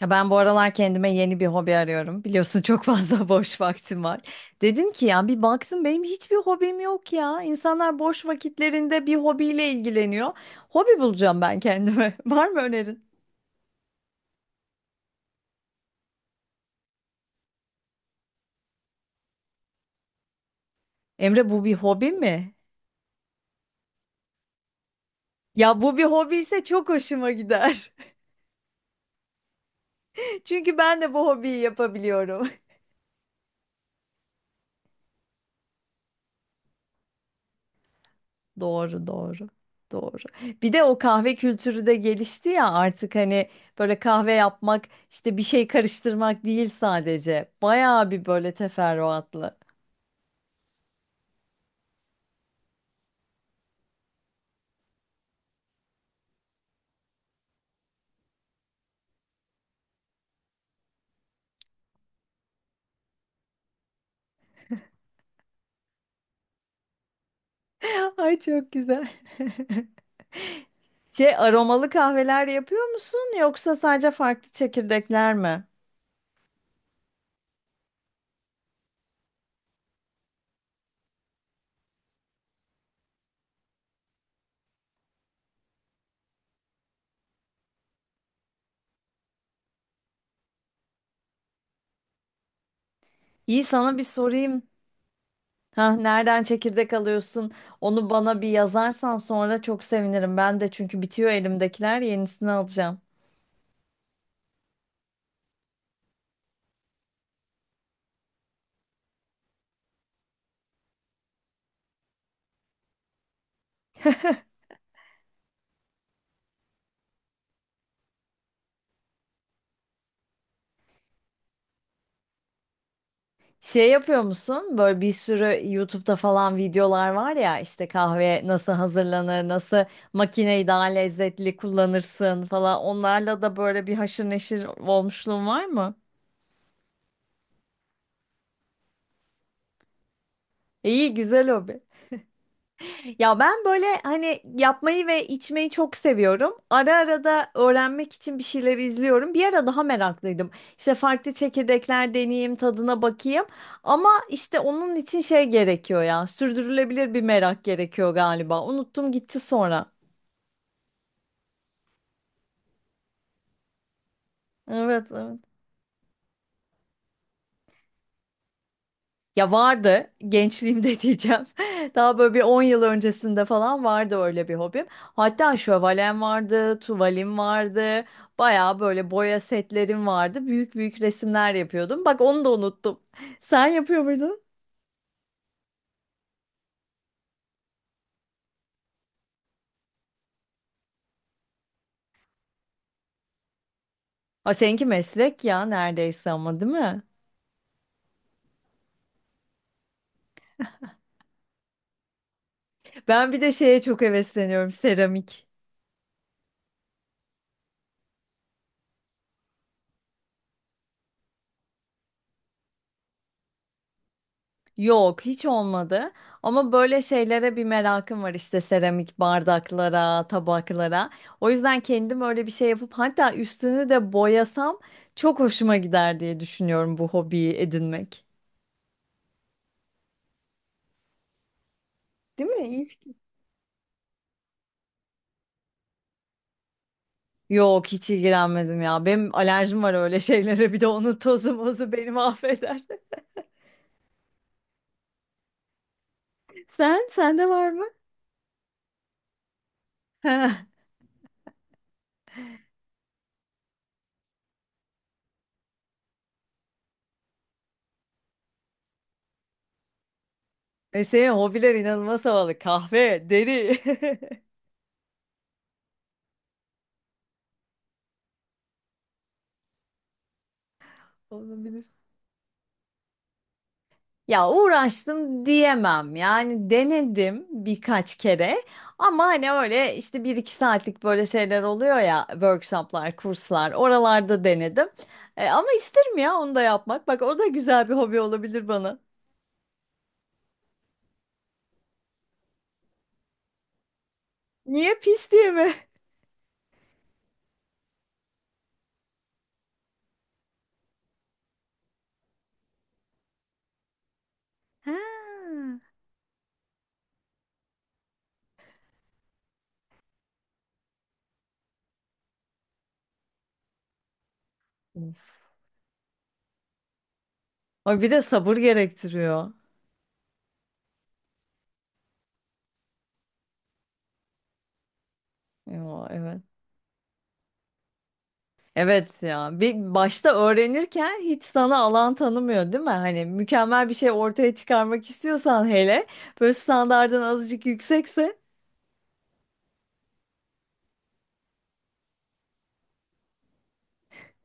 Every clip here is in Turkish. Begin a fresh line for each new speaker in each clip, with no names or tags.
Ya ben bu aralar kendime yeni bir hobi arıyorum. Biliyorsun çok fazla boş vaktim var. Dedim ki ya bir baksın benim hiçbir hobim yok ya. İnsanlar boş vakitlerinde bir hobiyle ilgileniyor. Hobi bulacağım ben kendime. Var mı önerin? Emre bu bir hobi mi? Ya bu bir hobi ise çok hoşuma gider. Çünkü ben de bu hobiyi yapabiliyorum. Doğru, doğru. Doğru. Bir de o kahve kültürü de gelişti ya artık hani böyle kahve yapmak işte bir şey karıştırmak değil sadece. Bayağı bir böyle teferruatlı. Ay çok güzel. Şey aromalı kahveler yapıyor musun yoksa sadece farklı çekirdekler mi? İyi sana bir sorayım. Ha, nereden çekirdek alıyorsun? Onu bana bir yazarsan sonra çok sevinirim. Ben de çünkü bitiyor elimdekiler yenisini alacağım. Şey yapıyor musun? Böyle bir sürü YouTube'da falan videolar var ya işte kahve nasıl hazırlanır, nasıl makineyi daha lezzetli kullanırsın falan. Onlarla da böyle bir haşır neşir olmuşluğun var mı? İyi, güzel o. Ya ben böyle hani yapmayı ve içmeyi çok seviyorum. Ara ara da öğrenmek için bir şeyler izliyorum. Bir ara daha meraklıydım. İşte farklı çekirdekler deneyeyim, tadına bakayım. Ama işte onun için şey gerekiyor ya. Sürdürülebilir bir merak gerekiyor galiba. Unuttum gitti sonra. Evet, evet. Ya vardı gençliğimde diyeceğim. Daha böyle bir 10 yıl öncesinde falan vardı öyle bir hobim. Hatta şövalem vardı, tuvalim vardı. Baya böyle boya setlerim vardı. Büyük büyük resimler yapıyordum. Bak onu da unuttum. Sen yapıyor muydun? Ha seninki meslek ya neredeyse ama değil mi? Ben bir de şeye çok hevesleniyorum seramik. Yok, hiç olmadı. Ama böyle şeylere bir merakım var işte seramik bardaklara, tabaklara. O yüzden kendim öyle bir şey yapıp hatta üstünü de boyasam çok hoşuma gider diye düşünüyorum bu hobiyi edinmek. Değil mi? İyi fikir. Yok, hiç ilgilenmedim ya. Benim alerjim var öyle şeylere. Bir de onun tozu mozu beni mahveder. Sen, sende var mı? Heh. E senin hobiler inanılmaz havalı. Kahve, deri. Olabilir. Ya uğraştım diyemem. Yani denedim birkaç kere ama hani öyle işte bir iki saatlik böyle şeyler oluyor ya workshoplar, kurslar oralarda denedim. Ama isterim ya onu da yapmak. Bak o da güzel bir hobi olabilir bana. Niye pis diye mi? Ha. Ay bir de sabır gerektiriyor. Yo, evet. Evet ya. Bir başta öğrenirken hiç sana alan tanımıyor değil mi? Hani mükemmel bir şey ortaya çıkarmak istiyorsan hele böyle standardın azıcık yüksekse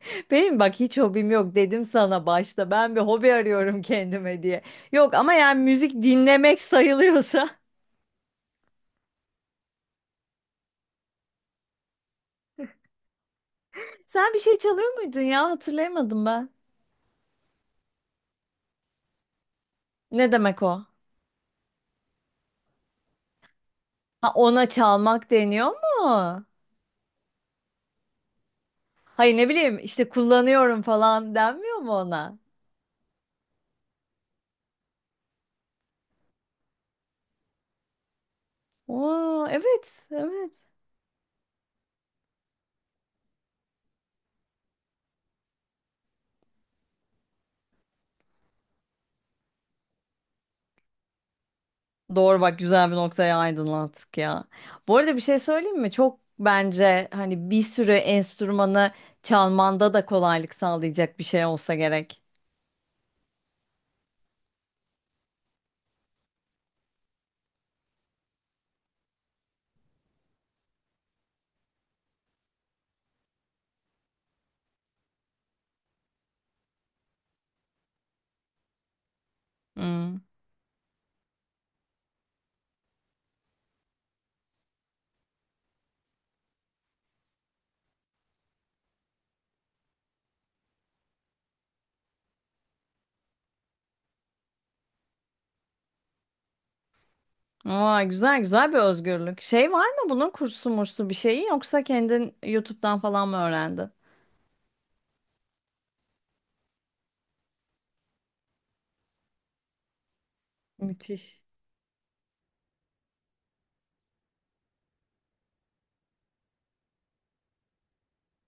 benim bak hiç hobim yok dedim sana başta. Ben bir hobi arıyorum kendime diye. Yok ama yani müzik dinlemek sayılıyorsa. Sen bir şey çalıyor muydun ya? Hatırlayamadım ben. Ne demek o? Ha ona çalmak deniyor mu? Hayır ne bileyim işte kullanıyorum falan denmiyor mu ona? Oo, evet, evet. Doğru bak güzel bir noktaya aydınlattık ya. Bu arada bir şey söyleyeyim mi? Çok bence hani bir sürü enstrümanı çalmanda da kolaylık sağlayacak bir şey olsa gerek. Hmm. Aa, güzel güzel bir özgürlük. Şey var mı bunun kursu mursu bir şeyi yoksa kendin YouTube'dan falan mı öğrendin? Müthiş.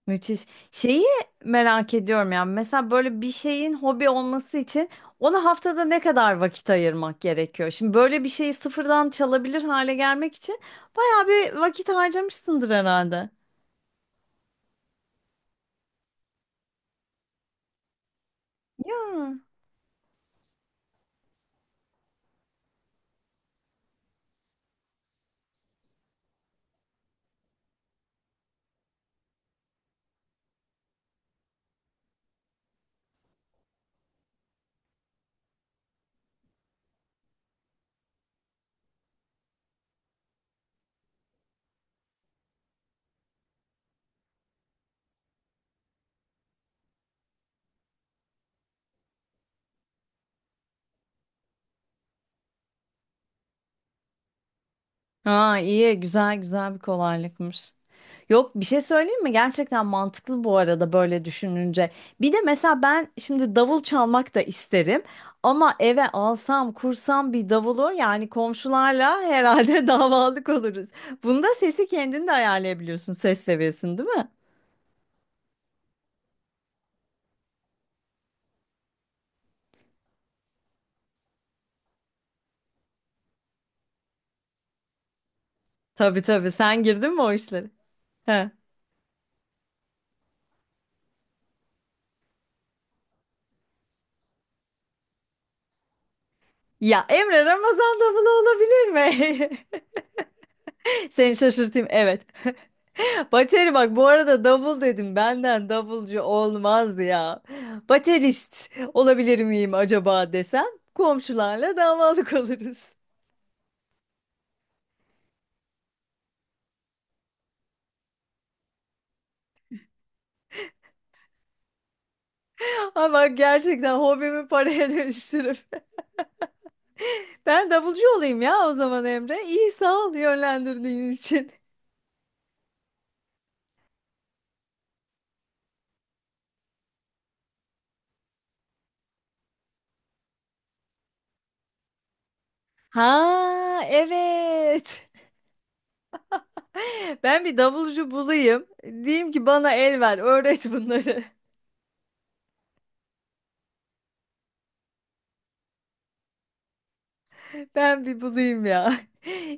Müthiş. Şeyi merak ediyorum yani mesela böyle bir şeyin hobi olması için ona haftada ne kadar vakit ayırmak gerekiyor? Şimdi böyle bir şeyi sıfırdan çalabilir hale gelmek için bayağı bir vakit harcamışsındır herhalde. Ya. Aa iyi güzel güzel bir kolaylıkmış. Yok bir şey söyleyeyim mi? Gerçekten mantıklı bu arada böyle düşününce. Bir de mesela ben şimdi davul çalmak da isterim ama eve alsam kursam bir davulu yani komşularla herhalde davalık oluruz. Bunda sesi kendin de ayarlayabiliyorsun ses seviyesini değil mi? Tabii tabii sen girdin mi o işlere? He. Ya Emre Ramazan davulu olabilir mi? Seni şaşırtayım evet. Bateri bak bu arada davul dedim. Benden davulcu olmaz ya. Baterist olabilir miyim acaba desem komşularla davalık oluruz. Ama gerçekten hobimi paraya dönüştürüp ben davulcu olayım ya o zaman Emre. İyi sağ ol yönlendirdiğin için. Ha evet. Ben bir davulcu bulayım. Diyeyim ki bana el ver, öğret bunları. Ben bir bulayım ya.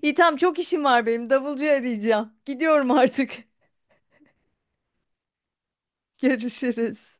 İyi tamam çok işim var benim. Davulcu arayacağım. Gidiyorum artık. Görüşürüz.